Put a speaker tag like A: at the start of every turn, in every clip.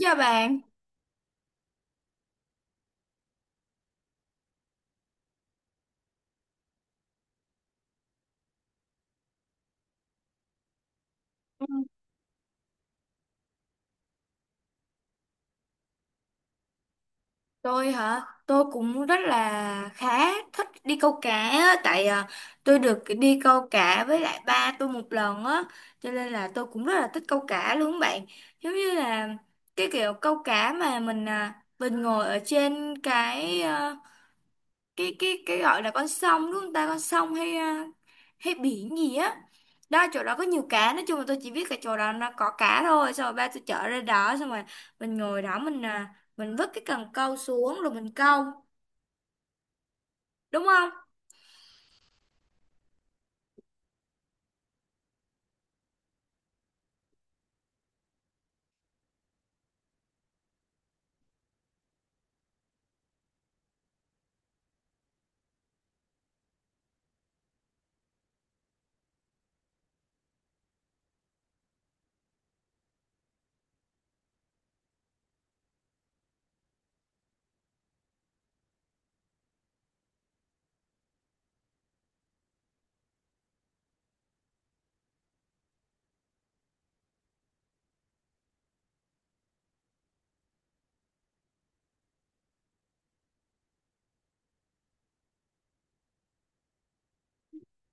A: Chào bạn. Ừ, tôi hả? Tôi cũng rất là khá thích đi câu cá á, tôi được đi câu cá với lại ba tôi một lần á, cho nên là tôi cũng rất là thích câu cá luôn bạn. Giống như là cái kiểu câu cá mà mình ngồi ở trên cái gọi là con sông đúng không ta, con sông hay biển gì á, đó chỗ đó có nhiều cá, nói chung là tôi chỉ biết cái chỗ đó nó có cá thôi, xong rồi ba tôi chở ra đó, xong rồi mình ngồi đó, mình vứt cái cần câu xuống rồi mình câu, đúng không?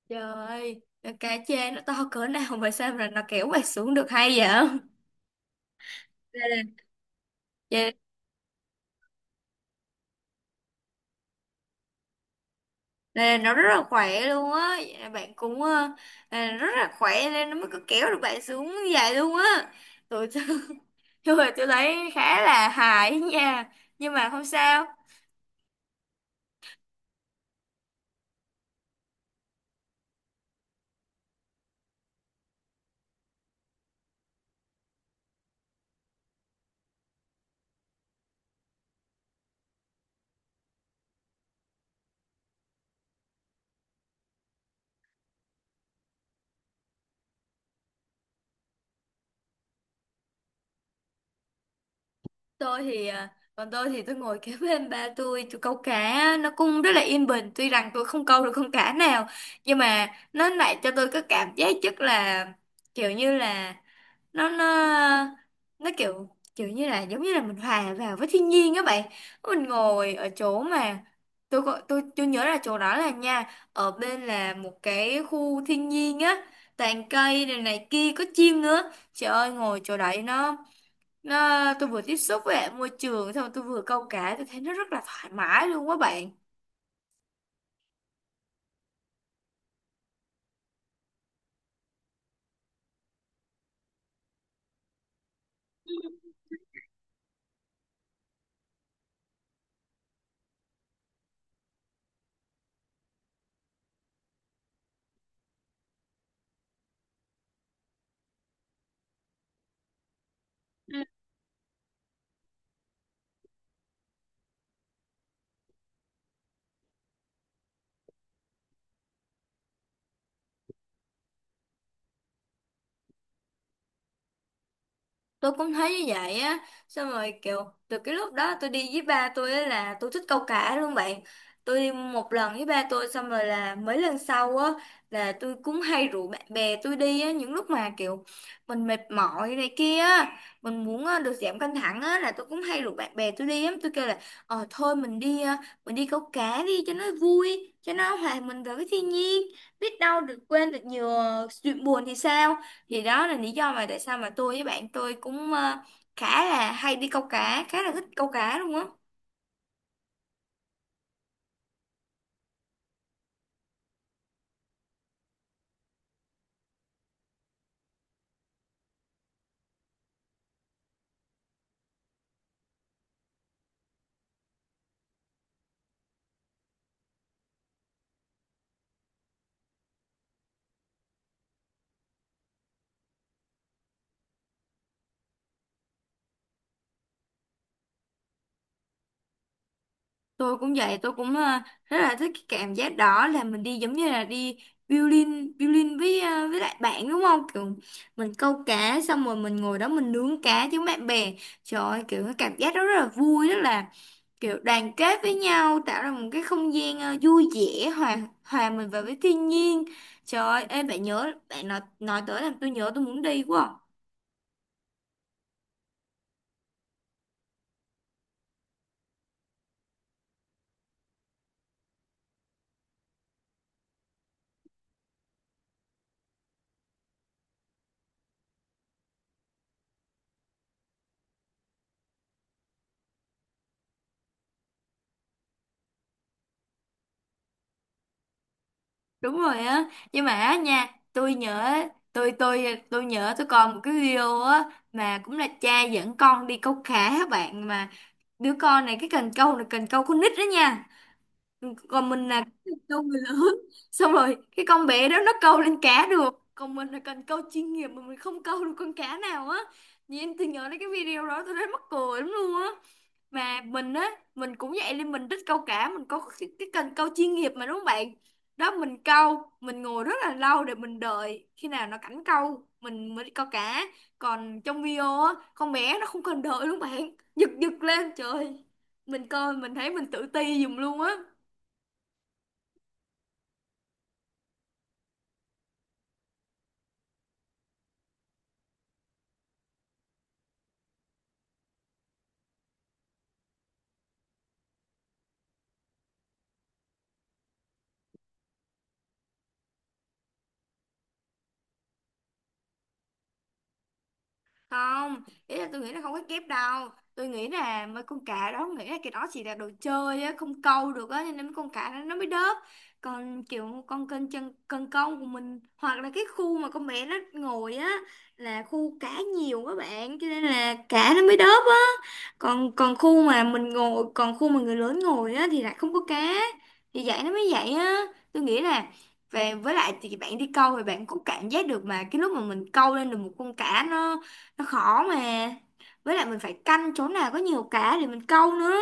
A: Trời ơi, cá chê nó to cỡ nào mà sao mà nó kéo bạn xuống được hay vậy? đây là, đây đây là nó rất là khỏe luôn á. Vậy là bạn cũng rất là khỏe nên nó mới có kéo được bạn xuống như vậy luôn á. tụi Thôi tôi thấy khá là hài ấy nha. Nhưng mà không sao. Còn tôi thì tôi ngồi kế bên ba tôi. Tôi câu cá nó cũng rất là yên bình, tuy rằng tôi không câu được con cá nào. Nhưng mà nó lại cho tôi cái cảm giác rất là, kiểu như là, nó nó nó kiểu giống như là mình hòa vào với thiên nhiên các bạn. Mình ngồi ở chỗ mà, tôi có- tôi nhớ là chỗ đó là nha, ở bên là một cái khu thiên nhiên á, toàn cây này này kia, có chim nữa. Trời ơi, ngồi chỗ đấy nó tôi vừa tiếp xúc với lại môi trường, xong tôi vừa câu cá, tôi thấy nó rất là thoải mái luôn quá bạn. Tôi cũng thấy như vậy á. Xong rồi kiểu từ cái lúc đó tôi đi với ba tôi á là tôi thích câu cá luôn bạn. Tôi đi một lần với ba tôi, xong rồi là mấy lần sau á là tôi cũng hay rủ bạn bè tôi đi á, những lúc mà kiểu mình mệt mỏi này kia á, được giảm căng thẳng á là tôi cũng hay rủ bạn bè tôi đi á. Tôi kêu là, ờ thôi mình đi câu cá đi cho nó vui, cho nó hòa mình vào với thiên nhiên, biết đâu được quên được nhiều chuyện buồn thì sao. Thì đó là lý do mà tại sao mà tôi với bạn tôi cũng khá là hay đi câu cá, khá là thích câu cá luôn á. Tôi cũng vậy, tôi cũng rất là thích cái cảm giác đó, là mình đi giống như là đi violin violin với với lại bạn, đúng không? Kiểu mình câu cá xong rồi mình ngồi đó mình nướng cá với bạn bè. Trời ơi, kiểu cái cảm giác đó rất là vui, rất là kiểu đoàn kết với nhau, tạo ra một cái không gian vui vẻ, hòa hòa mình vào với thiên nhiên. Trời ơi ê, bạn nhớ bạn nói tới làm tôi nhớ, tôi muốn đi quá à. Đúng rồi á. Nhưng mà á nha, tôi nhớ tôi nhớ tôi còn một cái video á, mà cũng là cha dẫn con đi câu cá á bạn, mà đứa con này cái cần câu là cần câu con nít đó nha, còn mình là câu người lớn. Xong rồi cái con bé đó nó câu lên cá được, còn mình là cần câu chuyên nghiệp mà mình không câu được con cá nào á. Nhìn em, tôi nhớ đến cái video đó tôi rất mắc cười lắm luôn á. Mà mình á, mình cũng vậy nên mình thích câu cá, mình có cái cần câu chuyên nghiệp mà, đúng không bạn? Đó, mình câu mình ngồi rất là lâu để mình đợi khi nào nó cảnh câu mình mới đi câu cá, còn trong video á con bé nó không cần đợi luôn bạn. Giật giật lên trời, mình coi mình thấy mình tự ti giùm luôn á. Không, ý là tôi nghĩ là không có kép đâu. Tôi nghĩ là mấy con cá đó nghĩ là cái đó chỉ là đồ chơi á, không câu được á, cho nên mấy con cá đó nó mới đớp. Còn kiểu con kênh chân cần câu của mình, hoặc là cái khu mà con bé nó ngồi á là khu cá nhiều các bạn, cho nên là cá nó mới đớp á. Còn Còn khu mà mình ngồi, còn khu mà người lớn ngồi á thì lại không có cá, thì vậy nó mới vậy á. Tôi nghĩ là về với lại thì bạn đi câu thì bạn cũng cảm giác được mà, cái lúc mà mình câu lên được một con cá nó khó mà, với lại mình phải canh chỗ nào có nhiều cá để mình câu nữa.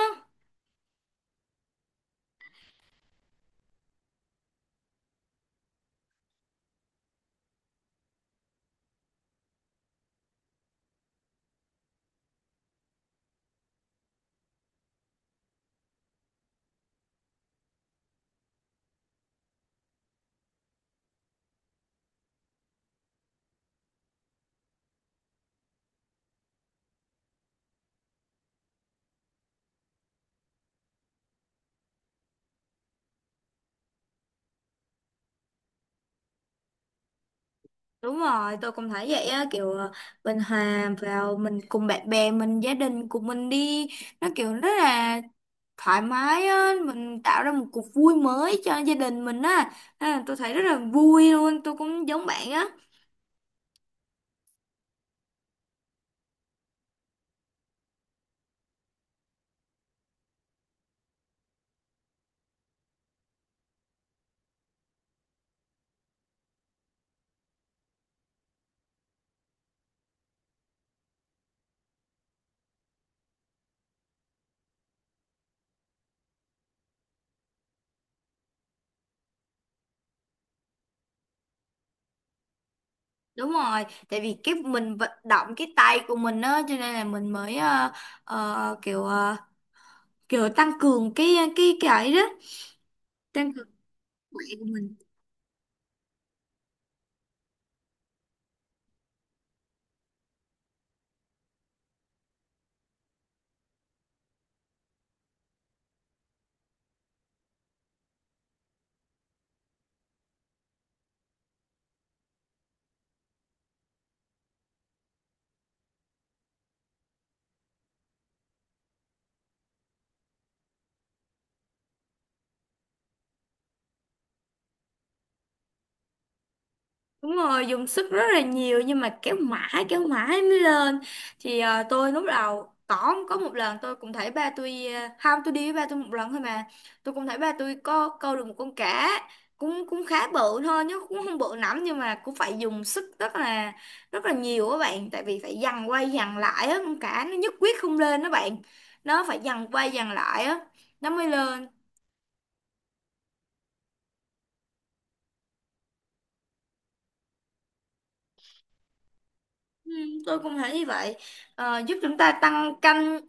A: Đúng rồi, tôi cũng thấy vậy á. Kiểu mình hòa vào mình cùng bạn bè mình, gia đình của mình đi, nó kiểu rất là thoải mái á, mình tạo ra một cuộc vui mới cho gia đình mình á. Tôi thấy rất là vui luôn, tôi cũng giống bạn á. Đúng rồi, tại vì cái mình vận động cái tay của mình á cho nên là mình mới ờ, kiểu ờ, kiểu tăng cường cái ấy đó, tăng cường sức khỏe của mình. Đúng rồi, dùng sức rất là nhiều nhưng mà kéo mãi mới lên. Tôi lúc đầu có một lần tôi cũng thấy ba tôi không, tôi đi với ba tôi một lần thôi mà. Tôi cũng thấy ba tôi có câu được một con cá cũng cũng khá bự thôi, chứ cũng không bự lắm, nhưng mà cũng phải dùng sức rất là nhiều các bạn, tại vì phải giằng quay giằng lại á, con cá nó nhất quyết không lên đó bạn. Nó phải giằng quay giằng lại á nó mới lên. Ừ, tôi cũng thấy như vậy. Giúp chúng ta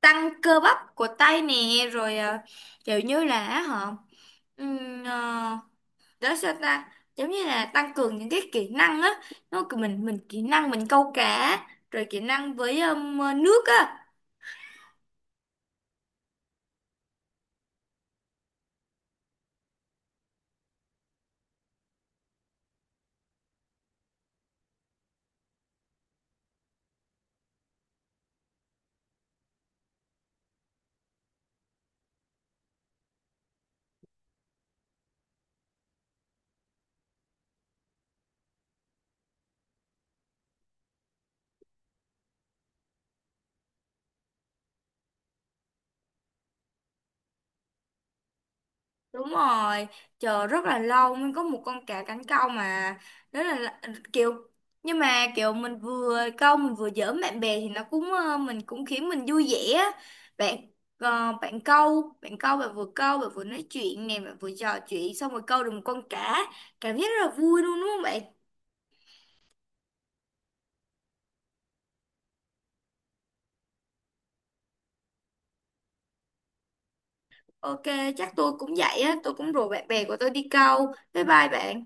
A: tăng cơ bắp của tay nè, rồi ờ, kiểu như là họ, ừm, ờ, đó sao ta, giống như là tăng cường những cái kỹ năng á, nó cứ mình kỹ năng mình câu cá, rồi kỹ năng với nước á. Đúng rồi, chờ rất là lâu mới có một con cá cánh câu mà. Đó là- kiểu Nhưng mà kiểu mình vừa câu mình vừa giỡn bạn bè thì nó cũng mình cũng khiến mình vui vẻ á. bạn bạn bạn vừa câu bạn vừa nói chuyện nè, bạn vừa trò chuyện xong rồi câu được một con cá, cảm giác rất là vui luôn, đúng không bạn? Ok, chắc tôi cũng vậy á, tôi cũng rủ bạn bè của tôi đi câu. Bye bye bạn.